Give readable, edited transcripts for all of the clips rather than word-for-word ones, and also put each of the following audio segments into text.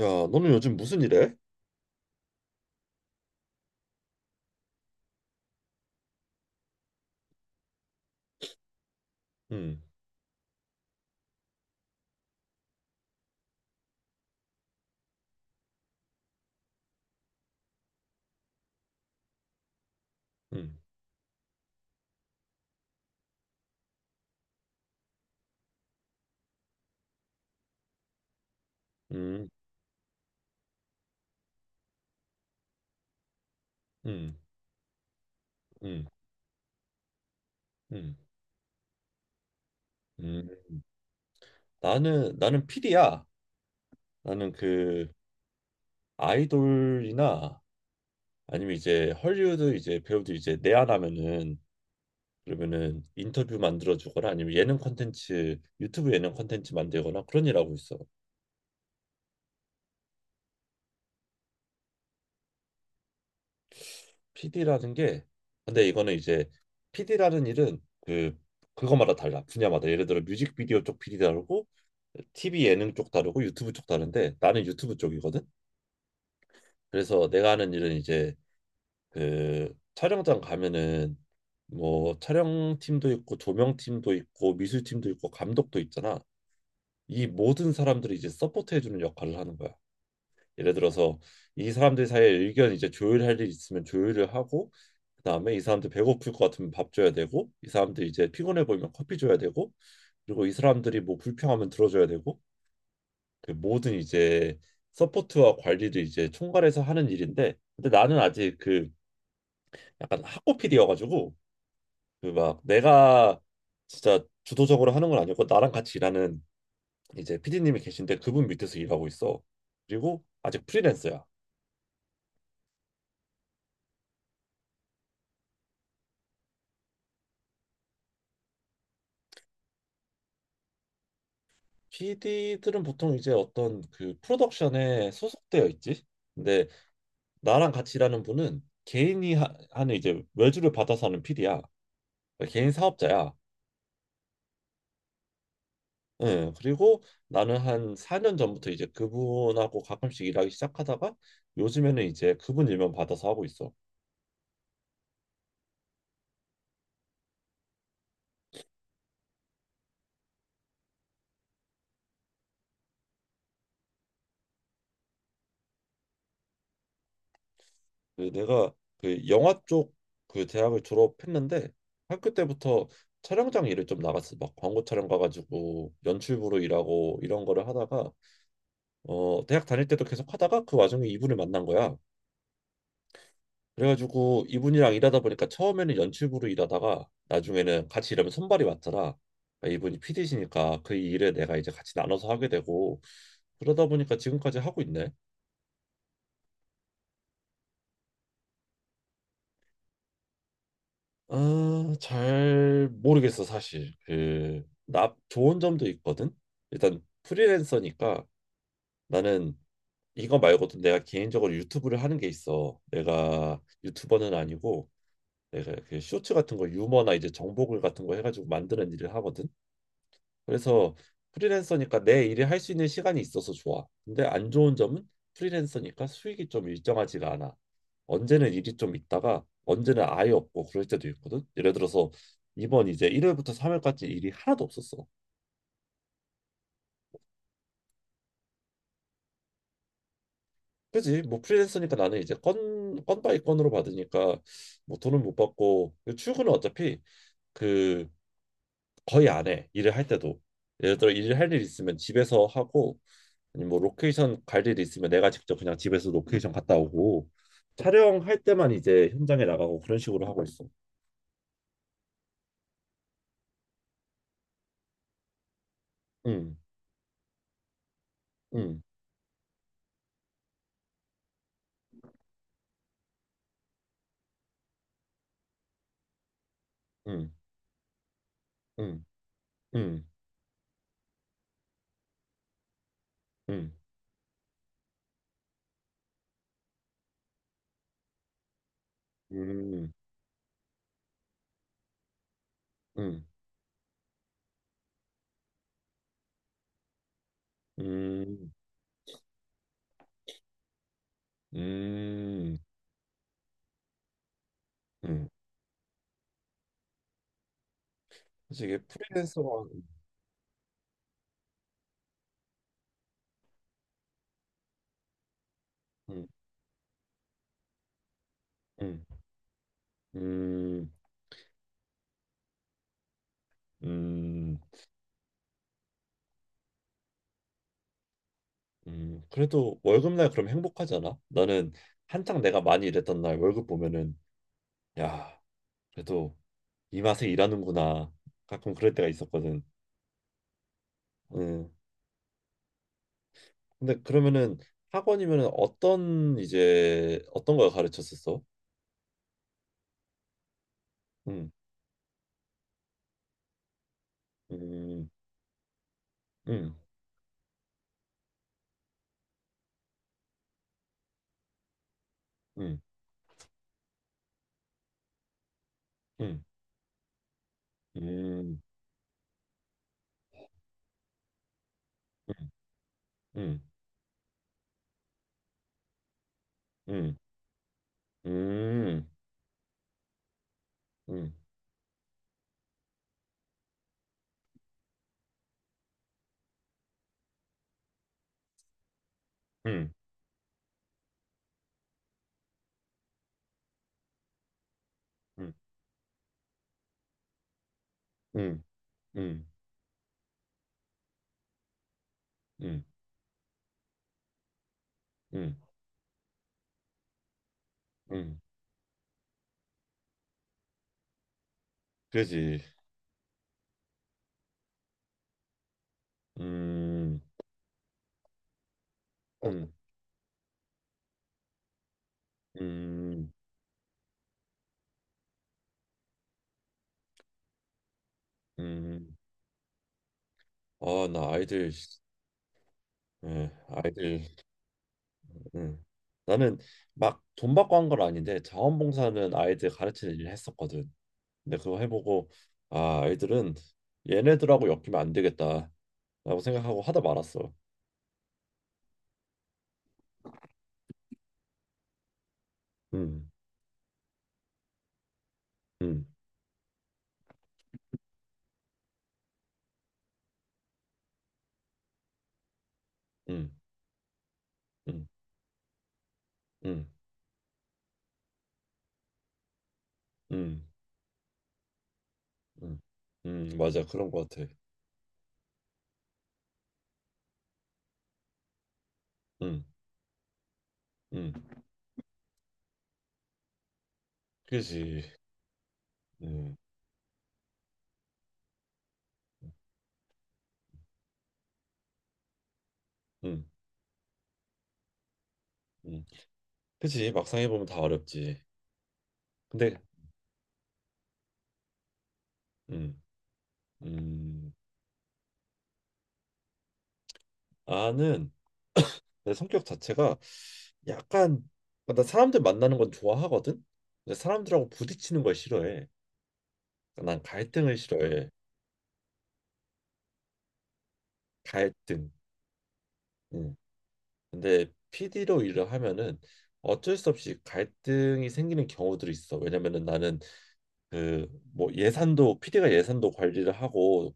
야, 너는 요즘 무슨 일해? 음, 음, 음, 음, 음, 음, 음. 나는 피디야. 나는 그 아이돌이나, 아니면 이제 헐리우드 이제 배우들 이제 내한하면은, 그러면은 인터뷰 만들어 주거나 아니면 예능 콘텐츠, 유튜브 예능 콘텐츠 만들거나 그런 일 하고 있어. PD라는 게, 근데 이거는 이제 PD라는 일은, 그 그거마다 달라, 분야마다. 예를 들어 뮤직비디오 쪽 PD 다르고, TV 예능 쪽 다르고, 유튜브 쪽 다른데 나는 유튜브 쪽이거든. 그래서 내가 하는 일은 이제, 그 촬영장 가면은 뭐 촬영팀도 있고 조명팀도 있고 미술팀도 있고 감독도 있잖아. 이 모든 사람들이 이제 서포트해주는 역할을 하는 거야. 예를 들어서, 이 사람들 사이에 의견 이제 조율할 일 있으면 조율을 하고, 그다음에 이 사람들 배고플 것 같으면 밥 줘야 되고, 이 사람들 이제 피곤해 보이면 커피 줘야 되고, 그리고 이 사람들이 뭐 불평하면 들어줘야 되고, 그 모든 이제 서포트와 관리를 이제 총괄해서 하는 일인데, 근데 나는 아직 그 약간 학고 PD여가지고, 그 막 내가 진짜 주도적으로 하는 건 아니고, 나랑 같이 일하는 이제 PD님이 계신데 그분 밑에서 일하고 있어. 그리고 아직 프리랜서야. PD들은 보통 이제 어떤 그 프로덕션에 소속되어 있지. 근데 나랑 같이 일하는 분은 개인이 하는 이제 외주를 받아서 하는 PD야. 개인 사업자야. 응. 그리고 나는 한 4년 전부터 이제 그분하고 가끔씩 일하기 시작하다가, 요즘에는 이제 그분 일만 받아서 하고 있어. 그 내가, 그 영화 쪽 그 대학을 졸업했는데, 학교 때부터 촬영장 일을 좀 나갔어. 막 광고 촬영 가가지고 연출부로 일하고 이런 거를 하다가, 대학 다닐 때도 계속 하다가 그 와중에 이분을 만난 거야. 그래가지고 이분이랑 일하다 보니까 처음에는 연출부로 일하다가, 나중에는 같이 일하면 손발이 맞더라. 그러니까 이분이 PD시니까 그 일을 내가 이제 같이 나눠서 하게 되고, 그러다 보니까 지금까지 하고 있네. 아, 잘 모르겠어, 사실. 그, 나 좋은 점도 있거든. 일단 프리랜서니까, 나는 이거 말고도 내가 개인적으로 유튜브를 하는 게 있어. 내가 유튜버는 아니고, 내가 그 쇼츠 같은 거 유머나 이제 정보글 같은 거 해가지고 만드는 일을 하거든. 그래서 프리랜서니까 내 일을 할 수 있는 시간이 있어서 좋아. 근데 안 좋은 점은, 프리랜서니까 수익이 좀 일정하지가 않아. 언제는 일이 좀 있다가 언제는 아예 없고 그럴 때도 있거든. 예를 들어서 이번 이제 1월부터 3월까지 일이 하나도 없었어. 그지? 뭐 프리랜서니까 나는 이제 건 바이 건으로 받으니까 뭐 돈은 못 받고, 출근은 어차피 그 거의 안 해. 일을 할 때도. 예를 들어 일을 할 일 있으면 집에서 하고, 아니면 뭐 로케이션 갈 일이 있으면 내가 직접 그냥 집에서 로케이션 갔다 오고, 촬영할 때만 이제 현장에 나가고 그런 식으로 하고 있어. 음, 음, 음, 음, 음, 음, 음, 음, 음, 음, 음. 그래서 이게 프리랜서가. 음, 음, 음, 음, 그래도 월급날 그럼 행복하잖아. 나는 한창 내가 많이 일했던 날 월급 보면은, 야. 그래도 이 맛에 일하는구나. 가끔 그럴 때가 있었거든. 음. 근데 그러면은 학원이면은 어떤 이제 어떤 걸 가르쳤었어? 음. 음. 음. 음. 음. 음. 음. 음. 음. 음. 음. 음. 음. 음. 음. 음. 음. 음. 그지. 음. 음. 음. 음. 아, 나 아이들. 예, 아이들. 음. 나는 막 돈 받고 한 건 아닌데, 자원봉사는 아이들 가르치는 일을 했었거든. 근데 그거 해보고 아, 아이들은 얘네들하고 엮이면 안 되겠다라고 생각하고 하다 말았어. 음, 음, 음, 음, 음, 음, 음, 맞아. 그런 것 같아. 음, 음, 그지. 음, 음, 음, 그지. 막상 해보면 다 어렵지. 근데 음, 음, 나는 내 성격 자체가 약간, 나 사람들 만나는 건 좋아하거든. 근데 사람들하고 부딪히는 걸 싫어해. 그러니까 난 갈등을 싫어해. 갈등. 응. 근데 PD로 일을 하면은 어쩔 수 없이 갈등이 생기는 경우들이 있어. 왜냐면은 나는 그 뭐 예산도, PD가 예산도 관리를 하고,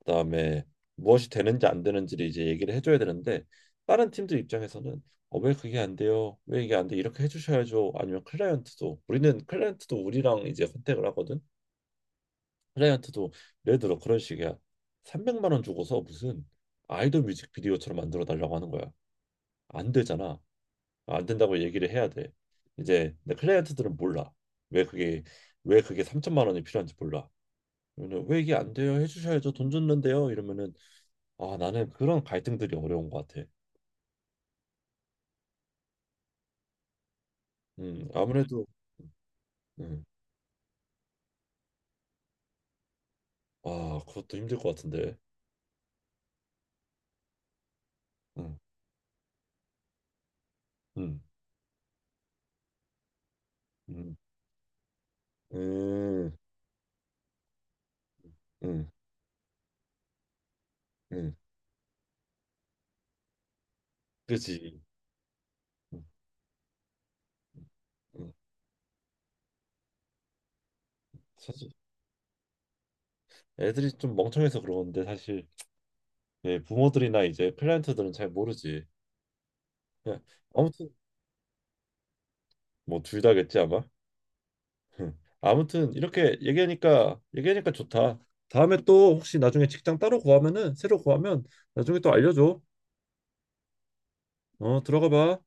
그다음에 무엇이 되는지 안 되는지를 이제 얘기를 해줘야 되는데, 다른 팀들 입장에서는 어, 왜 그게 안 돼요? 왜 이게 안 돼? 이렇게 해주셔야죠. 아니면 클라이언트도, 우리는 클라이언트도 우리랑 이제 컨택을 하거든. 클라이언트도 예를 들어 그런 식이야. 300만 원 주고서 무슨 아이돌 뮤직비디오처럼 만들어 달라고 하는 거야. 안 되잖아. 안 된다고 얘기를 해야 돼. 이제 근데 클라이언트들은 몰라. 왜 그게, 3천만 원이 필요한지 몰라. 그러면 왜 이게 안 돼요? 해주셔야죠. 돈 줬는데요. 이러면은 아, 나는 그런 갈등들이 어려운 것 같아. 아무래도. 음, 아, 그것도 힘들 것 같은데. 음, 음, 음, 음, 음, 음. 그렇지. 음, 음. 음. 사실 애들이 좀 멍청해서 그러는데, 사실 예, 부모들이나 이제 클라이언트들은 잘 모르지. 예, 아무튼 뭐 둘 다겠지 아마. 음. 아무튼 이렇게 얘기하니까 좋다. 다음에 또 혹시 나중에 직장 따로 구하면은, 새로 구하면 나중에 또 알려줘. 어, 들어가 봐.